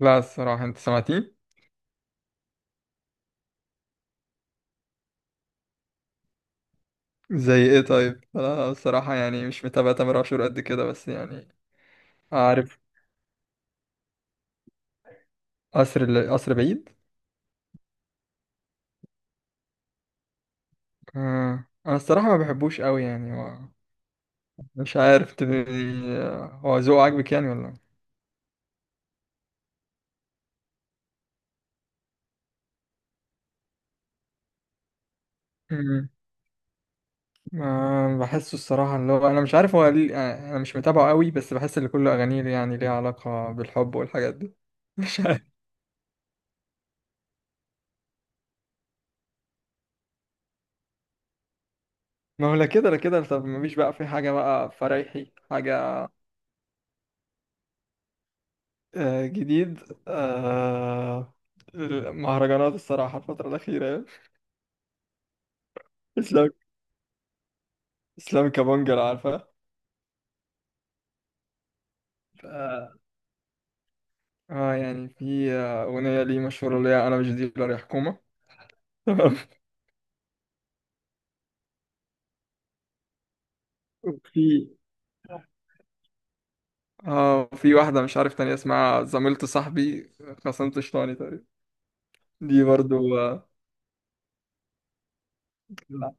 لا، الصراحة. انت سمعتيه؟ زي ايه طيب؟ انا الصراحة يعني مش متابع تامر عاشور قد كده، بس يعني عارف. قصر بعيد. آه. انا الصراحة ما بحبوش قوي يعني. هو مش عارف، انت هو ذوقه عاجبك يعني ولا؟ مم. ما بحسه الصراحة، اللي هو انا مش عارف هو ليه يعني، انا مش متابعه قوي، بس بحس ان كل اغانيه يعني ليها علاقة بالحب والحاجات دي. مش عارف. ما هو لا كده لا كده، طب مفيش بقى في حاجة بقى فرايحي حاجة؟ آه، جديد. آه، المهرجانات الصراحة الفترة الأخيرة يعني. إسلام إسلام كابونجا، عارفة. ف- اه، يعني في أغنية ليه مشهورة، اللي هي أنا مش ديلر يا حكومة، تمام. وفي اه، في واحدة مش عارف تانية، اسمها زميلة صاحبي، خصمت شيطاني تقريبا. دي برضو لا.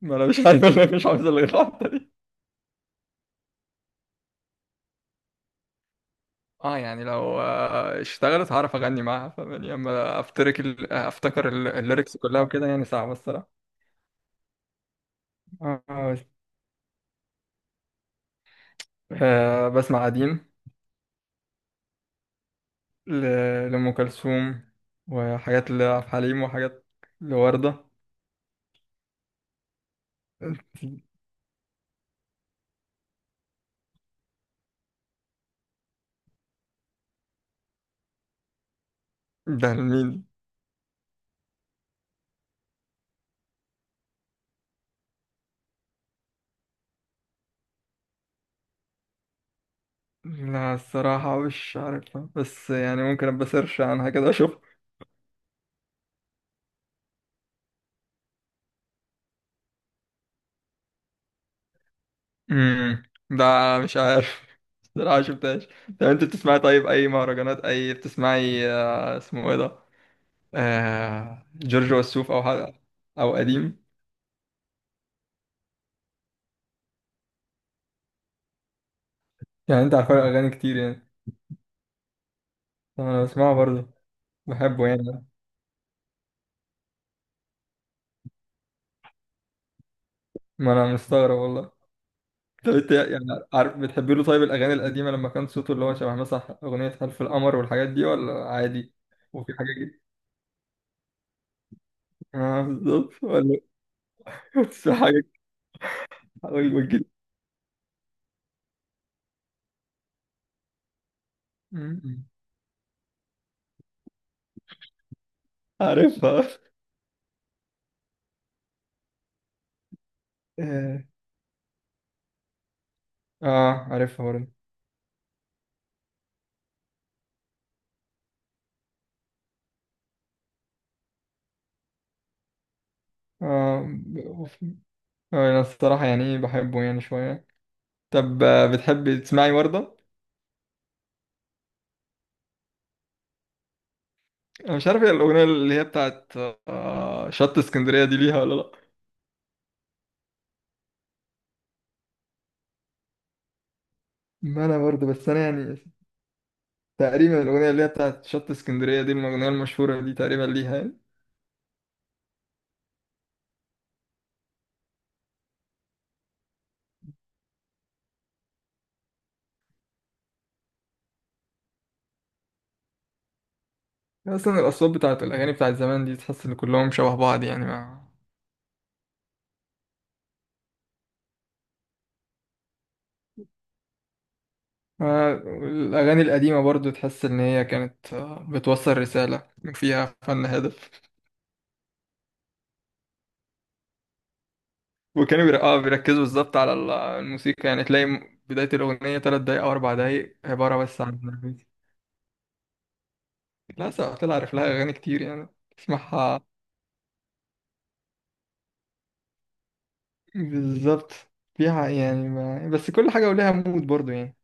ما أنا مش عارف اللي مش عاوز اللي الواحدة دي. اه، يعني لو اشتغلت هعرف اغني معاها، فاهماني، اما افتكر افتكر. الليركس كلها وكده يعني صعبة الصراحة. اه. بسمع قديم. لأم كلثوم، وحاجات لعبد الحليم، وحاجات لوردة. ده لمين؟ لا، الصراحة مش عارفها، بس يعني ممكن أبقى سيرش عنها كده أشوف. امم. ده مش عارف، الصراحة شفتهاش. طب أنت بتسمعي طيب أي مهرجانات، أي بتسمعي؟ اسمه إيه ده؟ جورج وسوف، أو حاجة، أو قديم. يعني أنت عارفة أغاني كتير يعني. طب أنا بسمعه برضه، بحبه يعني. ما أنا مستغرب والله. طب انت يعني عارف بتحب له طيب الاغاني القديمه لما كان صوته اللي هو شبه مثلا اغنيه حلف القمر والحاجات دي، ولا عادي؟ وفي حاجه جديده. اه، بالظبط، ولا؟ بس في حاجه، حاول تجيب. عارفها. اه، عارفها برضه. اه ب- وف- انا الصراحه يعني ايه، بحبه يعني شويه. طب بتحبي تسمعي ورده؟ انا مش عارف هي الاغنيه اللي هي بتاعت شط اسكندريه، دي ليها ولا لا؟ ما انا برضه، بس انا يعني تقريبا الأغنية اللي هي بتاعت شط اسكندرية دي، الأغنية المشهورة دي تقريبا ليها يعني. أصلا الأصوات بتاعت الأغاني بتاعت زمان دي، تحس إن كلهم شبه بعض يعني، ما. ما- الأغاني القديمة برضو، تحس إن هي كانت بتوصل رسالة فيها فن هادف. وكانوا بيركزوا بالظبط على الموسيقى. يعني تلاقي بداية الأغنية 3 دقايق أو 4 دقايق عبارة بس عن النبي. لا، سواء طلع عارف لها أغاني كتير يعني، تسمعها. بالظبط. فيها يعني، ما بس، كل حاجة ولها مود برضو يعني.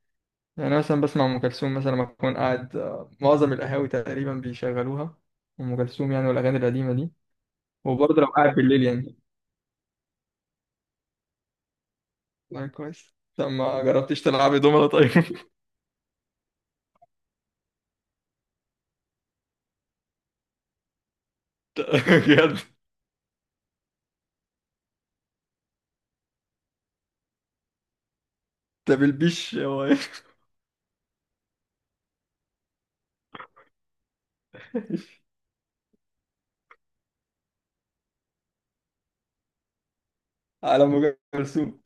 يعني أنا مثلا بسمع أم كلثوم مثلا لما أكون قاعد. معظم القهاوي تقريبا بيشغلوها أم كلثوم يعني، والأغاني القديمة دي. وبرضه لو قاعد بالليل يعني. لا، كويس. طب ما جربتش تلعبي دومنة طيب؟ بجد؟ ده بالبيش هو إيه؟ على أم كلثوم؟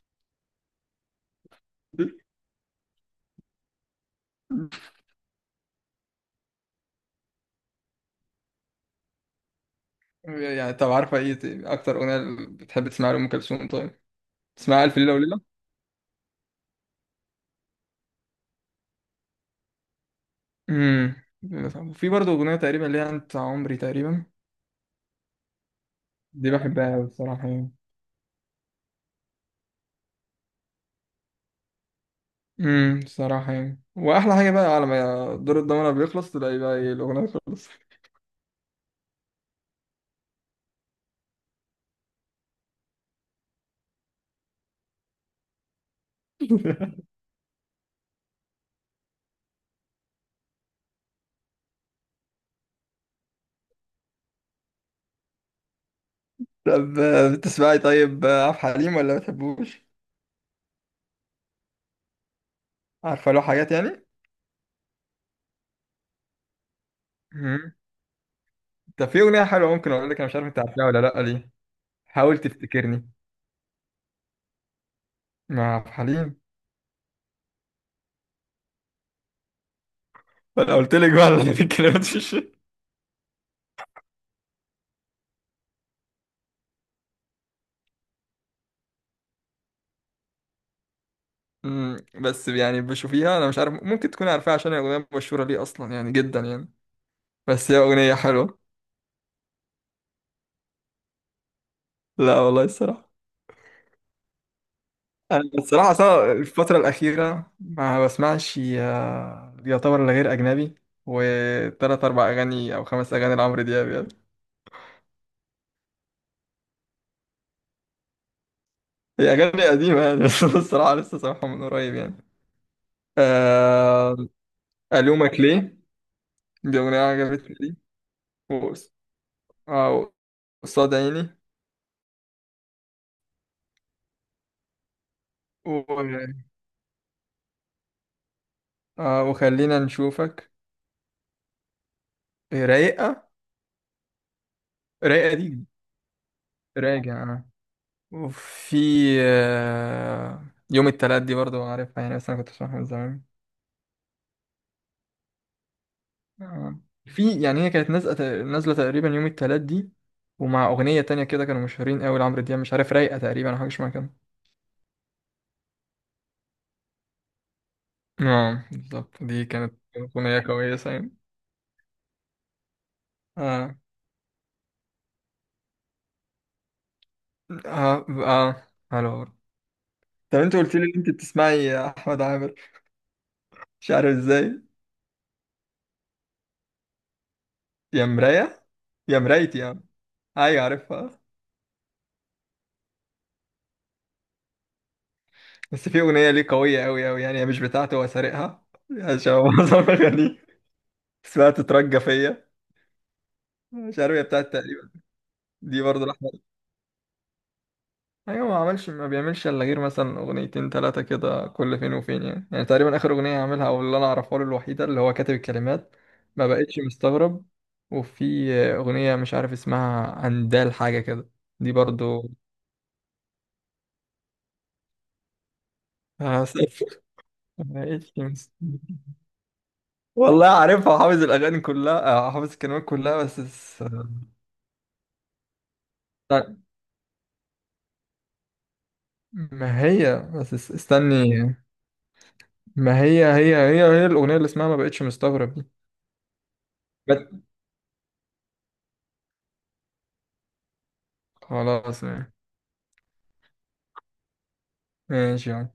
يعني طب عارفة إيه أكتر أغنية بتحب تسمعها لأم كلثوم طيب؟ تسمعها ألف ليلة وليلة؟ امم. في برضه أغنية تقريبا اللي هي أنت عمري تقريبا. دي بحبها أوي الصراحة يعني. امم، صراحة يعني، واحلى حاجة بقى على ما دور الضمنة بيخلص، تلاقي بقى ايه، الأغنية خلصت. طب بتسمعي طيب عبد الحليم ولا ما بتحبوش؟ عارفة له حاجات يعني؟ امم. طب في أغنية حلوة ممكن أقول لك، أنا مش عارف أنت عارفها ولا لأ دي. حاول تفتكرني، مع عبد الحليم. أنا قلت لك بقى على الكلمات، في الشيء. امم، بس يعني بشوفيها، أنا مش عارف، ممكن تكون عارفاها عشان هي أغنية مشهورة ليه أصلا يعني جدا يعني. بس هي أغنية حلوة. لا والله الصراحة. أنا الصراحة أصلا الفترة الأخيرة ما بسمعش يعتبر إلا غير أجنبي، وتلات أربع أغاني أو 5 أغاني لعمرو دياب يعني. هي أغاني قديمة يعني. بس أنا الصراحة لسه سامعها من قريب يعني. آه، ألومك ليه، دي أغنية عجبتني دي. و- آه، قصاد عيني. و... وخلينا نشوفك، رايقة، رايقة دي. راجع أنا. وفي آه، يوم التلات دي، برضو عارفها يعني، بس أنا كنت بسمعها من زمان. آه. في يعني هي كانت نازله تقريبا يوم التلات دي، ومع اغنيه تانية كده كانوا مشهورين قوي لعمرو دياب. مش عارف، رايقه تقريبا، او حاجه شبه كده. اه، بالظبط، دي كانت اغنيه كويسه يعني. اه، اه، اه. حلو. طب انت قلت لي ان انت بتسمعي يا احمد عامر، مش عارف ازاي. يا مرايه. يا مرايتي يا عم. ايوه، عارفها. بس في اغنيه ليه قويه قوي قوي يعني، هي مش بتاعته، هو سارقها، عشان هو معظم اغانيه. اسمها تترجى فيا، مش عارف هي بتاعت تقريبا. دي برضه، ايوه، ما بيعملش الا غير مثلا اغنيتين ثلاثه كده كل فين وفين يعني، يعني تقريبا اخر اغنيه عاملها او اللي انا اعرفها له الوحيده، اللي هو كاتب الكلمات. ما بقتش مستغرب. وفي اغنيه مش عارف اسمها اندال حاجه كده. دي برضو هسقف. ما بقتش مستغرب، والله عارفها، حافظ الاغاني كلها، حافظ الكلمات كلها بس استنى. ما هي بس استني، ما هي الاغنيه اللي اسمها ما بقتش مستغرب دي. بس- خلاص. ماشي يعني.